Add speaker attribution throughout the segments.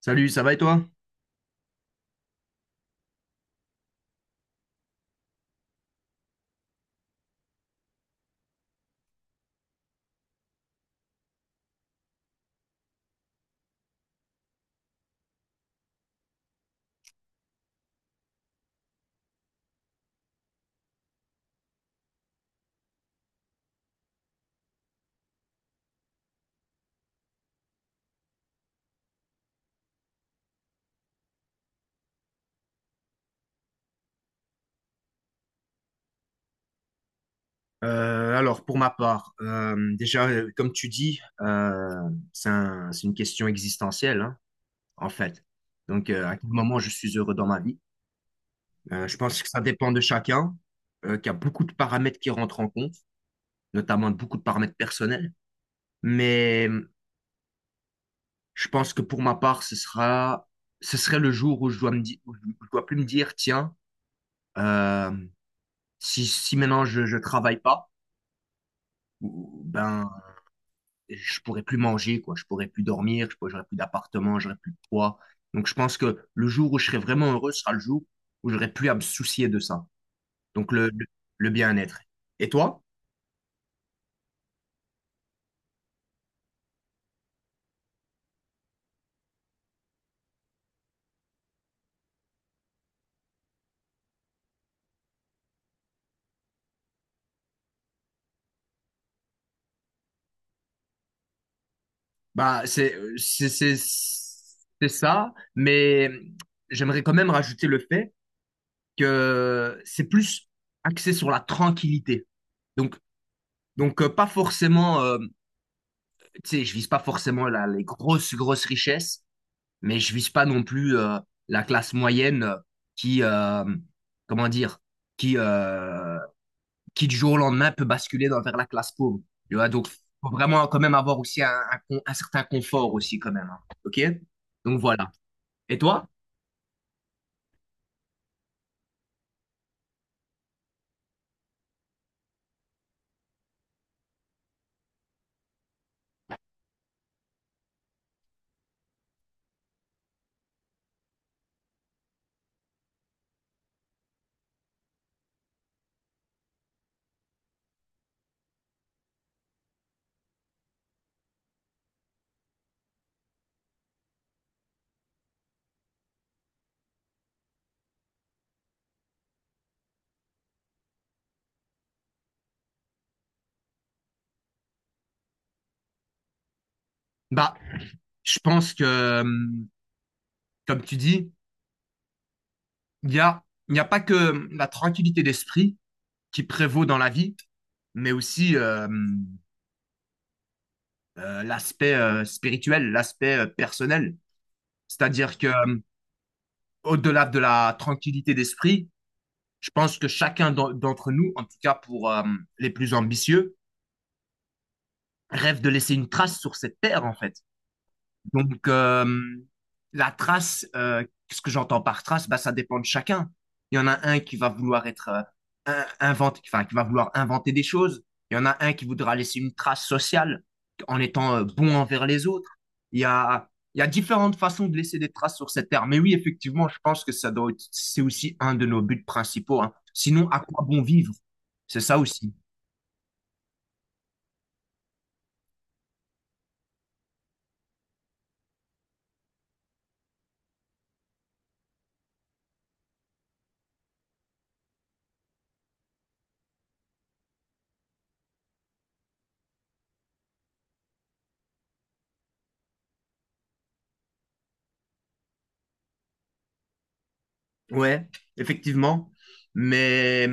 Speaker 1: Salut, ça va et toi? Alors, pour ma part, déjà, comme tu dis, c'est une question existentielle, hein, en fait. Donc, à quel moment je suis heureux dans ma vie? Je pense que ça dépend de chacun, qu'il y a beaucoup de paramètres qui rentrent en compte, notamment beaucoup de paramètres personnels. Mais je pense que pour ma part, ce serait le jour où je dois plus me dire, tiens, euh, si maintenant je travaille pas, ou- ben je pourrais plus manger, quoi. Je pourrais plus dormir, j'aurais plus d'appartement, j'aurais plus de poids. Donc, je pense que le jour où je serai vraiment heureux sera le jour où j'aurai plus à me soucier de ça. Donc, le bien-être. Et toi? Bah, c'est ça, mais j'aimerais quand même rajouter le fait que c'est plus axé sur la tranquillité. Donc, donc, pas forcément, tu sais, je vise pas forcément les grosses, grosses richesses, mais je vise pas non plus la classe moyenne qui, euh, comment dire, qui, euh, qui du jour au lendemain peut basculer vers la classe pauvre. Tu vois, donc, faut vraiment quand même avoir aussi un certain confort aussi quand même, hein. OK? Donc voilà. Et toi? Bah, je pense que, comme tu dis, il y a, il n'y a pas que la tranquillité d'esprit qui prévaut dans la vie, mais aussi l'aspect spirituel, l'aspect personnel. C'est-à-dire que au-delà de la tranquillité d'esprit, je pense que chacun d'entre nous, en tout cas pour les plus ambitieux, rêve de laisser une trace sur cette terre, en fait. Donc, la trace, qu'est-ce que j'entends par trace? Bah, ça dépend de chacun. Il y en a un qui va vouloir être enfin, qui va vouloir inventer des choses. Il y en a un qui voudra laisser une trace sociale en étant bon envers les autres. Il y a, il y a différentes façons de laisser des traces sur cette terre. Mais oui, effectivement, je pense que c'est aussi un de nos buts principaux, hein. Sinon, à quoi bon vivre? C'est ça aussi. Ouais, effectivement. Mais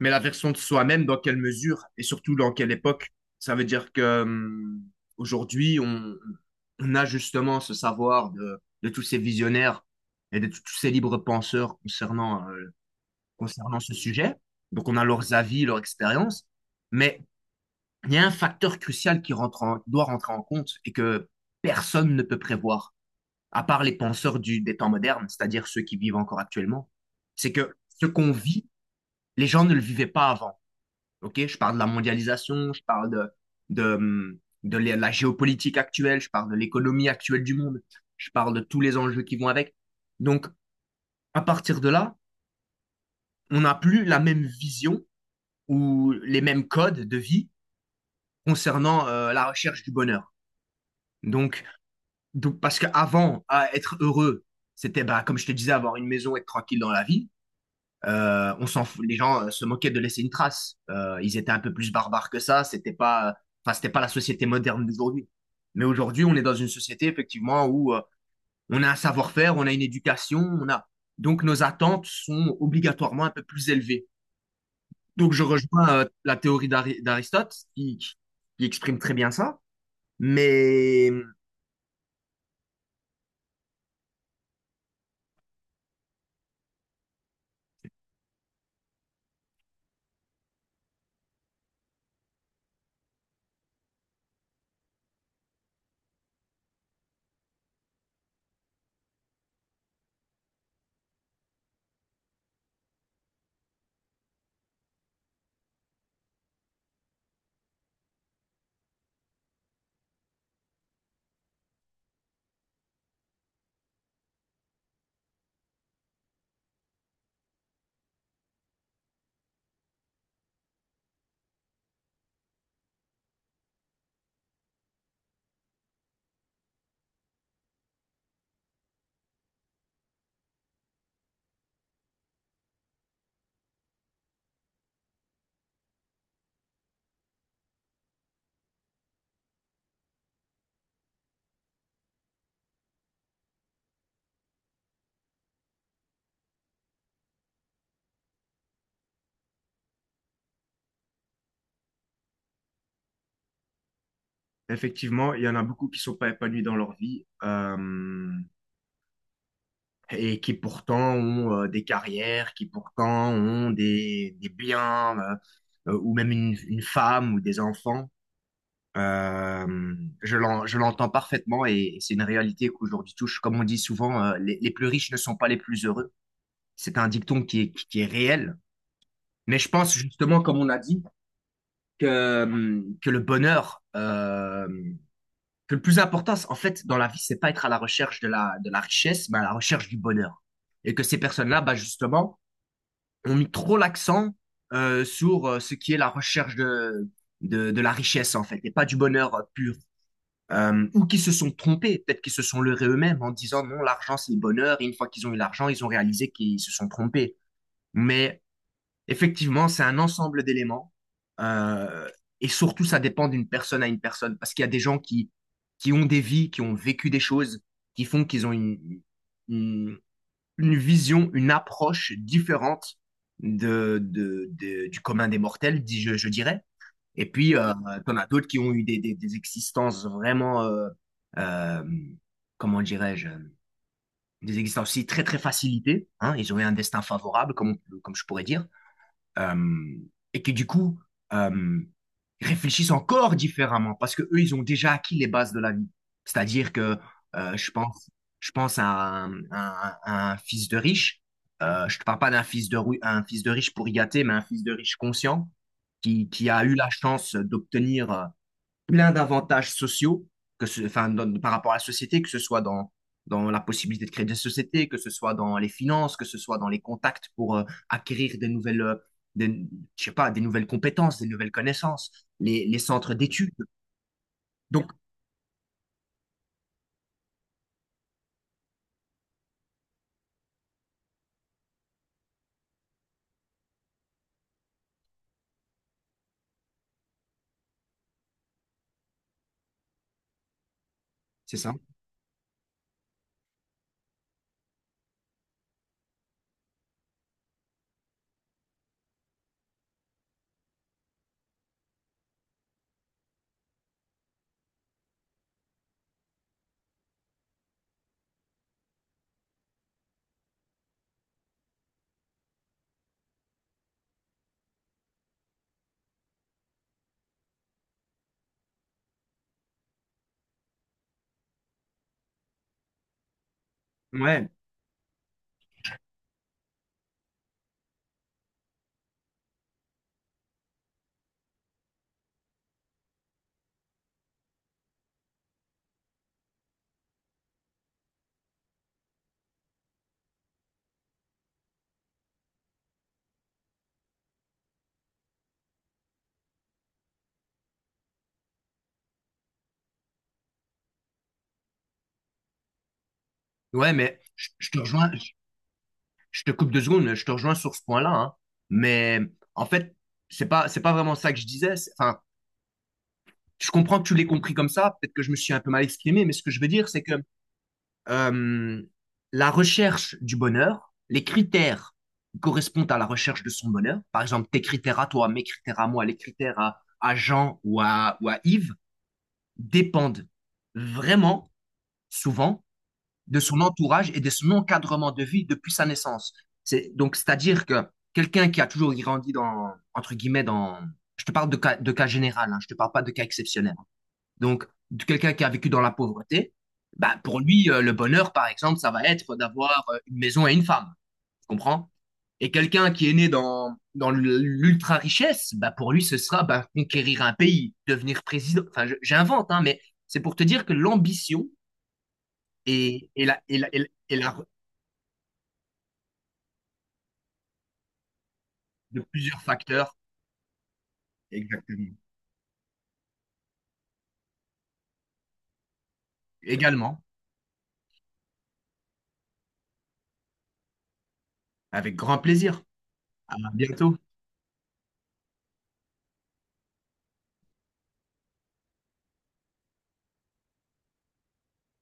Speaker 1: la version de soi-même, dans quelle mesure et surtout dans quelle époque? Ça veut dire que aujourd'hui, on a justement ce savoir de tous ces visionnaires et de tous ces libres penseurs concernant, concernant ce sujet. Donc, on a leurs avis, leur expérience. Mais il y a un facteur crucial doit rentrer en compte et que personne ne peut prévoir, à part les penseurs du, des temps modernes, c'est-à-dire ceux qui vivent encore actuellement. C'est que ce qu'on vit, les gens ne le vivaient pas avant. OK? Je parle de la mondialisation, je parle de, de la géopolitique actuelle, je parle de l'économie actuelle du monde, je parle de tous les enjeux qui vont avec. Donc, à partir de là, on n'a plus la même vision ou les mêmes codes de vie concernant la recherche du bonheur. Donc, donc parce qu'avant, à être heureux, c'était, bah, comme je te disais, avoir une maison, être tranquille dans la vie. On s'en fout, les gens se moquaient de laisser une trace. Ils étaient un peu plus barbares que ça. C'était pas, enfin, c'était pas la société moderne d'aujourd'hui. Mais aujourd'hui, on est dans une société effectivement où on a un savoir-faire, on a une éducation, on a donc nos attentes sont obligatoirement un peu plus élevées. Donc je rejoins la théorie d'Aristote qui exprime très bien ça. Mais effectivement, il y en a beaucoup qui sont pas épanouis dans leur vie. Et qui pourtant ont des carrières, qui pourtant ont des biens, ou même une femme ou des enfants. Euh, je l'entends parfaitement et c'est une réalité qu'aujourd'hui touche. Comme on dit souvent, les plus riches ne sont pas les plus heureux. C'est un dicton qui est réel. Mais je pense justement, comme on a dit, que le bonheur, que le plus important, en fait, dans la vie, c'est pas être à la recherche de de la richesse, mais à la recherche du bonheur. Et que ces personnes-là, bah, justement, ont mis trop l'accent sur ce qui est la recherche de la richesse, en fait, et pas du bonheur pur. Ou qui se sont trompés, peut-être qu'ils se sont leurrés eux-mêmes en disant non, l'argent c'est le bonheur, et une fois qu'ils ont eu l'argent, ils ont réalisé qu'ils se sont trompés. Mais effectivement, c'est un ensemble d'éléments, euh, et surtout ça dépend d'une personne à une personne, parce qu'il y a des gens qui ont des vies, qui ont vécu des choses, qui font qu'ils ont une- une vision, une approche différente du commun des mortels, je dirais. Et puis, t'en as d'autres qui ont eu des existences vraiment, euh, comment dirais-je, des existences aussi très, très facilitées, hein. Ils ont eu un destin favorable, comme je pourrais dire euh, et qui du coup euh, réfléchissent encore différemment parce que eux ils ont déjà acquis les bases de la vie. C'est-à-dire que euh, je pense, je pense à à un fils de riche. Je te parle pas d'un un fils de riche pour y gâter, mais un fils de riche conscient qui a eu la chance d'obtenir plein d'avantages sociaux que ce, enfin, par rapport à la société, que ce soit dans la possibilité de créer des sociétés, que ce soit dans les finances, que ce soit dans les contacts pour acquérir des nouvelles, des, je sais pas, des nouvelles compétences, des nouvelles connaissances, les centres d'études. Donc, c'est ça. Ouais, ouais, mais je te rejoins, je te coupe deux secondes, je te rejoins sur ce point-là, hein. Mais en fait, c'est pas vraiment ça que je disais. Enfin, je comprends que tu l'aies compris comme ça, peut-être que je me suis un peu mal exprimé, mais ce que je veux dire, c'est que euh, la recherche du bonheur, les critères correspondent à la recherche de son bonheur. Par exemple, tes critères à toi, mes critères à moi, les critères à Jean ou à Yves dépendent vraiment souvent de son entourage et de son encadrement de vie depuis sa naissance. C'est-à-dire que quelqu'un qui a toujours grandi dans entre guillemets dans je te parle de cas général, hein, je te parle pas de cas exceptionnel donc, de quelqu'un qui a vécu dans la pauvreté, bah, pour lui, le bonheur, par exemple, ça va être d'avoir une maison et une femme. Tu comprends? Et quelqu'un qui est né dans l'ultra-richesse, bah, pour lui, ce sera bah, conquérir un pays, devenir président. Enfin, j'invente, hein, mais c'est pour te dire que l'ambition est la- de plusieurs facteurs. Exactement. Également, avec grand plaisir. À bientôt.